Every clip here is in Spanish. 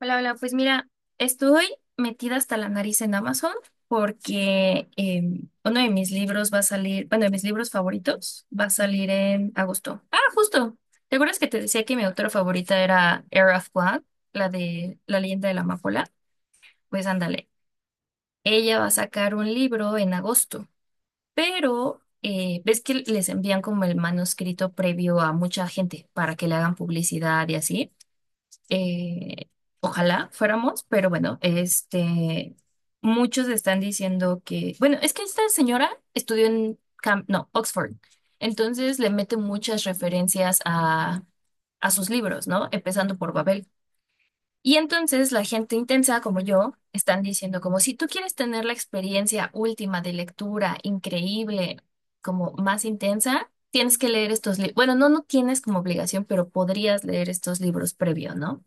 Hola, hola, pues mira, estoy metida hasta la nariz en Amazon porque uno de mis libros va a salir, bueno, de mis libros favoritos va a salir en agosto. Ah, justo. ¿Te acuerdas que te decía que mi autora favorita era Era Flag, la de La leyenda de la amapola? Pues ándale, ella va a sacar un libro en agosto, pero ves que les envían como el manuscrito previo a mucha gente para que le hagan publicidad y así. Eh, ojalá fuéramos, pero bueno, muchos están diciendo que, bueno, es que esta señora no, Oxford, entonces le mete muchas referencias a sus libros, ¿no? Empezando por Babel. Y entonces la gente intensa como yo están diciendo como si tú quieres tener la experiencia última de lectura increíble, como más intensa, tienes que leer estos libros. Bueno, no, no tienes como obligación, pero podrías leer estos libros previo, ¿no?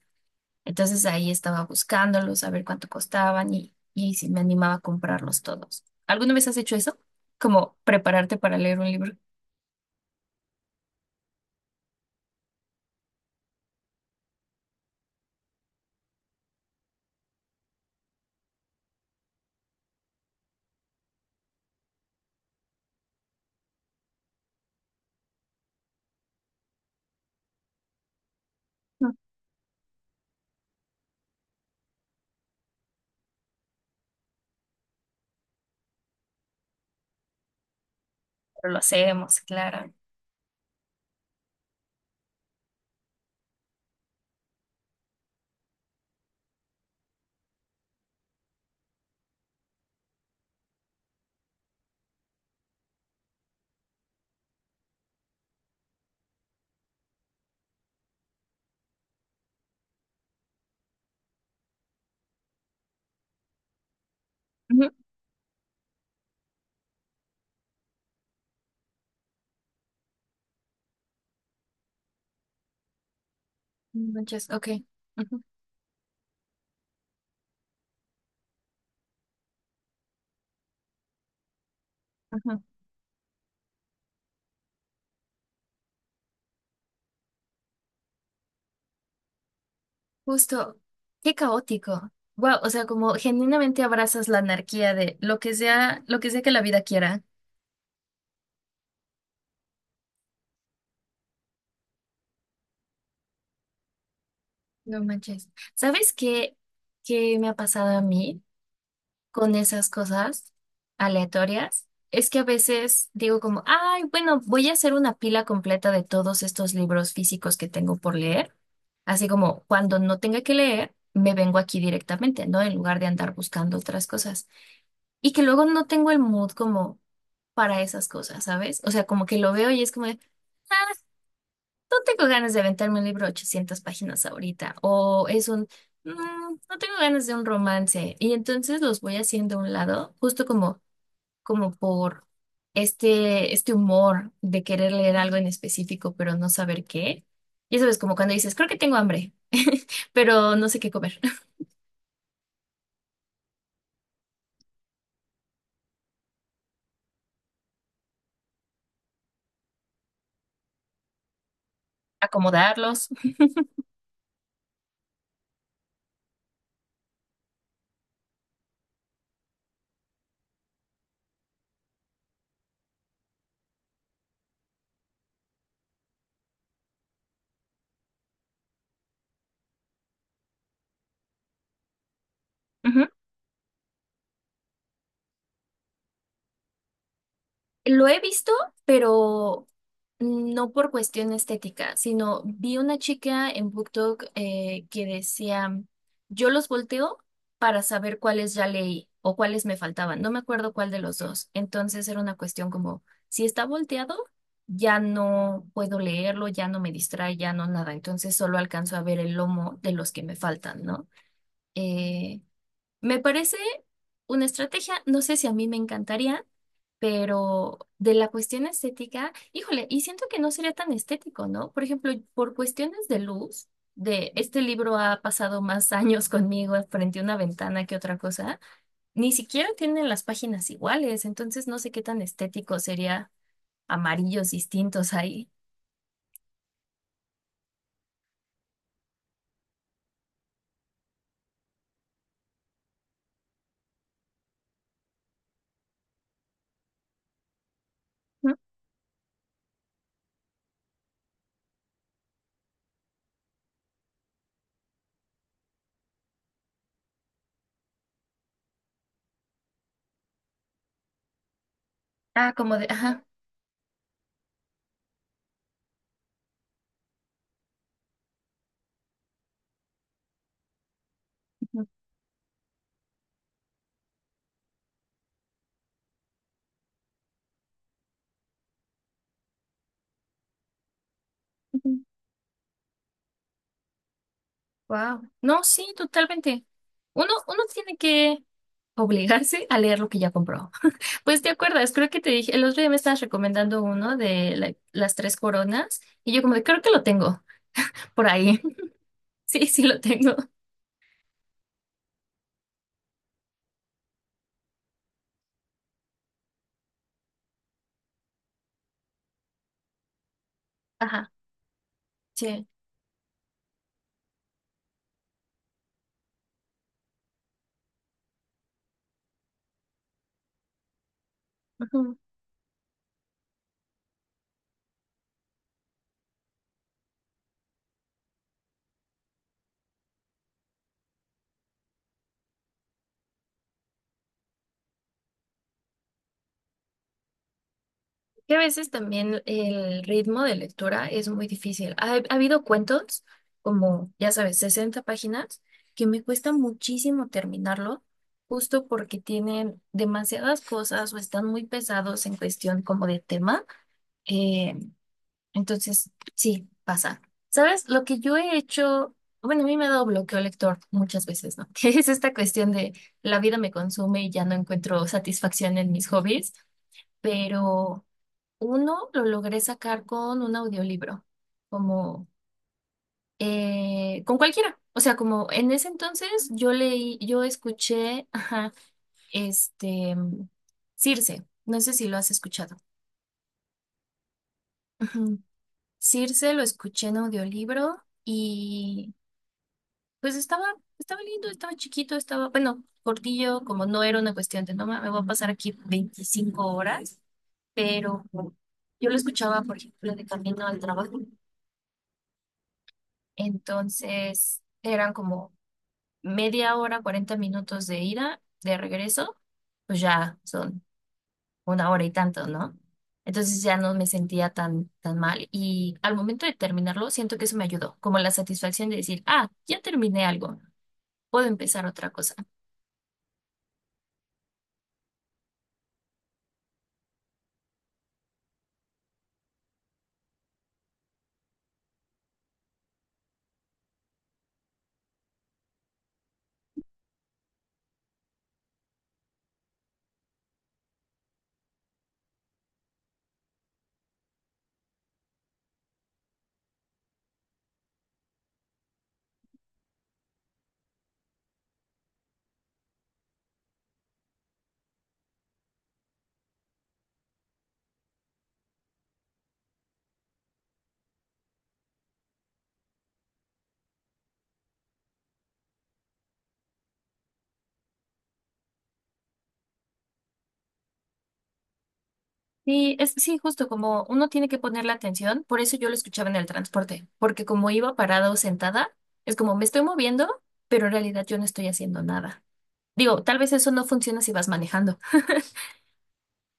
Entonces ahí estaba buscándolos, a ver cuánto costaban y si me animaba a comprarlos todos. ¿Alguna vez has hecho eso? Como prepararte para leer un libro. No. Pero lo hacemos, claro. Ujú. Muchas, ok. Ujú, ujú. Justo, qué caótico. Wow, o sea, como genuinamente abrazas la anarquía de lo que sea que la vida quiera. No manches. ¿Sabes qué, qué me ha pasado a mí? Con esas cosas aleatorias es que a veces digo como, ay, bueno, voy a hacer una pila completa de todos estos libros físicos que tengo por leer. Así como cuando no tenga que leer, me vengo aquí directamente, ¿no? En lugar de andar buscando otras cosas. Y que luego no tengo el mood como para esas cosas, ¿sabes? O sea, como que lo veo y es como de, "Ah, no tengo ganas de aventarme un libro de 800 páginas ahorita, o es un, "Mm, no tengo ganas de un romance, y entonces los voy haciendo a un lado, justo como, como por este humor de querer leer algo en específico, pero no saber qué. Ya sabes, como cuando dices, creo que tengo hambre, pero no sé qué comer. Acomodarlos. Ujú. Lo he visto, pero no por cuestión estética, sino vi una chica en BookTok que decía, yo los volteo para saber cuáles ya leí o cuáles me faltaban. No me acuerdo cuál de los dos. Entonces era una cuestión como, si está volteado, ya no puedo leerlo, ya no me distrae, ya no nada. Entonces solo alcanzo a ver el lomo de los que me faltan, ¿no? Eh, me parece una estrategia, no sé si a mí me encantaría pero de la cuestión estética, híjole, y siento que no sería tan estético, ¿no? Por ejemplo, por cuestiones de luz, de este libro ha pasado más años conmigo frente a una ventana que otra cosa, ni siquiera tienen las páginas iguales, entonces no sé qué tan estético sería amarillos distintos ahí. ¿Mm? Ah, como de, ajá. Wow. No, sí, totalmente. Uno tiene que obligarse a leer lo que ya compró. Pues te acuerdas, creo que te dije, el otro día me estabas recomendando uno de las 3 coronas y yo como de, creo que lo tengo por ahí. Sí, sí lo tengo. Ajá, sí. Ujú. Que a veces también el ritmo de lectura es muy difícil. Ha habido cuentos, como ya sabes, 60 páginas, que me cuesta muchísimo terminarlo, justo porque tienen demasiadas cosas o están muy pesados en cuestión como de tema. eh, Entonces, sí, pasa. ¿Sabes? Lo que yo he hecho, bueno, a mí me ha dado bloqueo lector muchas veces, ¿no? Que es esta cuestión de la vida me consume y ya no encuentro satisfacción en mis hobbies, pero uno lo logré sacar con un audiolibro, como con cualquiera. O sea, como en ese entonces yo leí, yo escuché, ajá, este, Circe, no sé si lo has escuchado. Ujú. Circe lo escuché en audiolibro. Y pues estaba lindo, estaba chiquito, estaba, bueno, cortillo, como no era una cuestión de, no, me voy a pasar aquí 25 horas, pero yo lo escuchaba, por ejemplo, de camino al trabajo. Entonces, eran como media hora, 40 minutos de ida, de regreso, pues ya son una hora y tanto, ¿no? Entonces ya no me sentía tan, tan mal. Y al momento de terminarlo, siento que eso me ayudó, como la satisfacción de decir, ah, ya terminé algo, puedo empezar otra cosa. Sí, es, sí, justo como uno tiene que poner la atención, por eso yo lo escuchaba en el transporte, porque como iba parada o sentada, es como me estoy moviendo, pero en realidad yo no estoy haciendo nada. Digo, tal vez eso no funciona si vas manejando.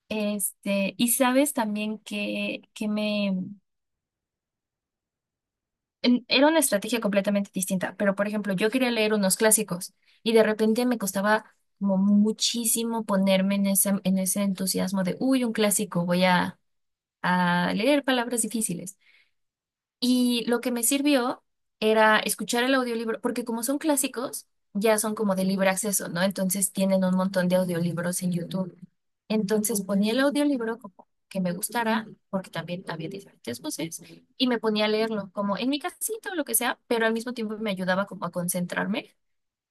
Este, y sabes también que me... Era una estrategia completamente distinta, pero por ejemplo, yo quería leer unos clásicos y de repente me costaba como muchísimo ponerme en en ese entusiasmo de, uy, un clásico, a leer palabras difíciles. Y lo que me sirvió era escuchar el audiolibro, porque como son clásicos, ya son como de libre acceso, ¿no? Entonces tienen un montón de audiolibros en YouTube. Entonces ponía el audiolibro como que me gustara, porque también había diferentes voces, y me ponía a leerlo como en mi casita o lo que sea, pero al mismo tiempo me ayudaba como a concentrarme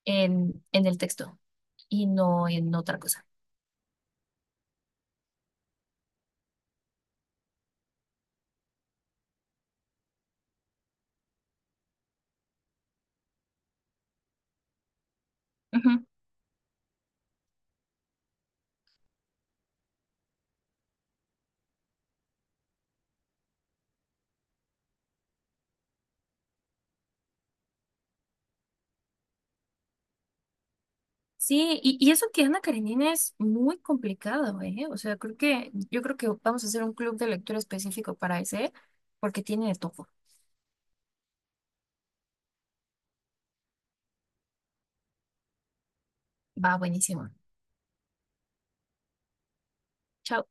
en el texto y no en otra cosa. Sí, y eso que Ana Karenina es muy complicado, ¿eh? O sea, creo que, yo creo que vamos a hacer un club de lectura específico para ese, porque tiene de todo. Va buenísimo. Chao.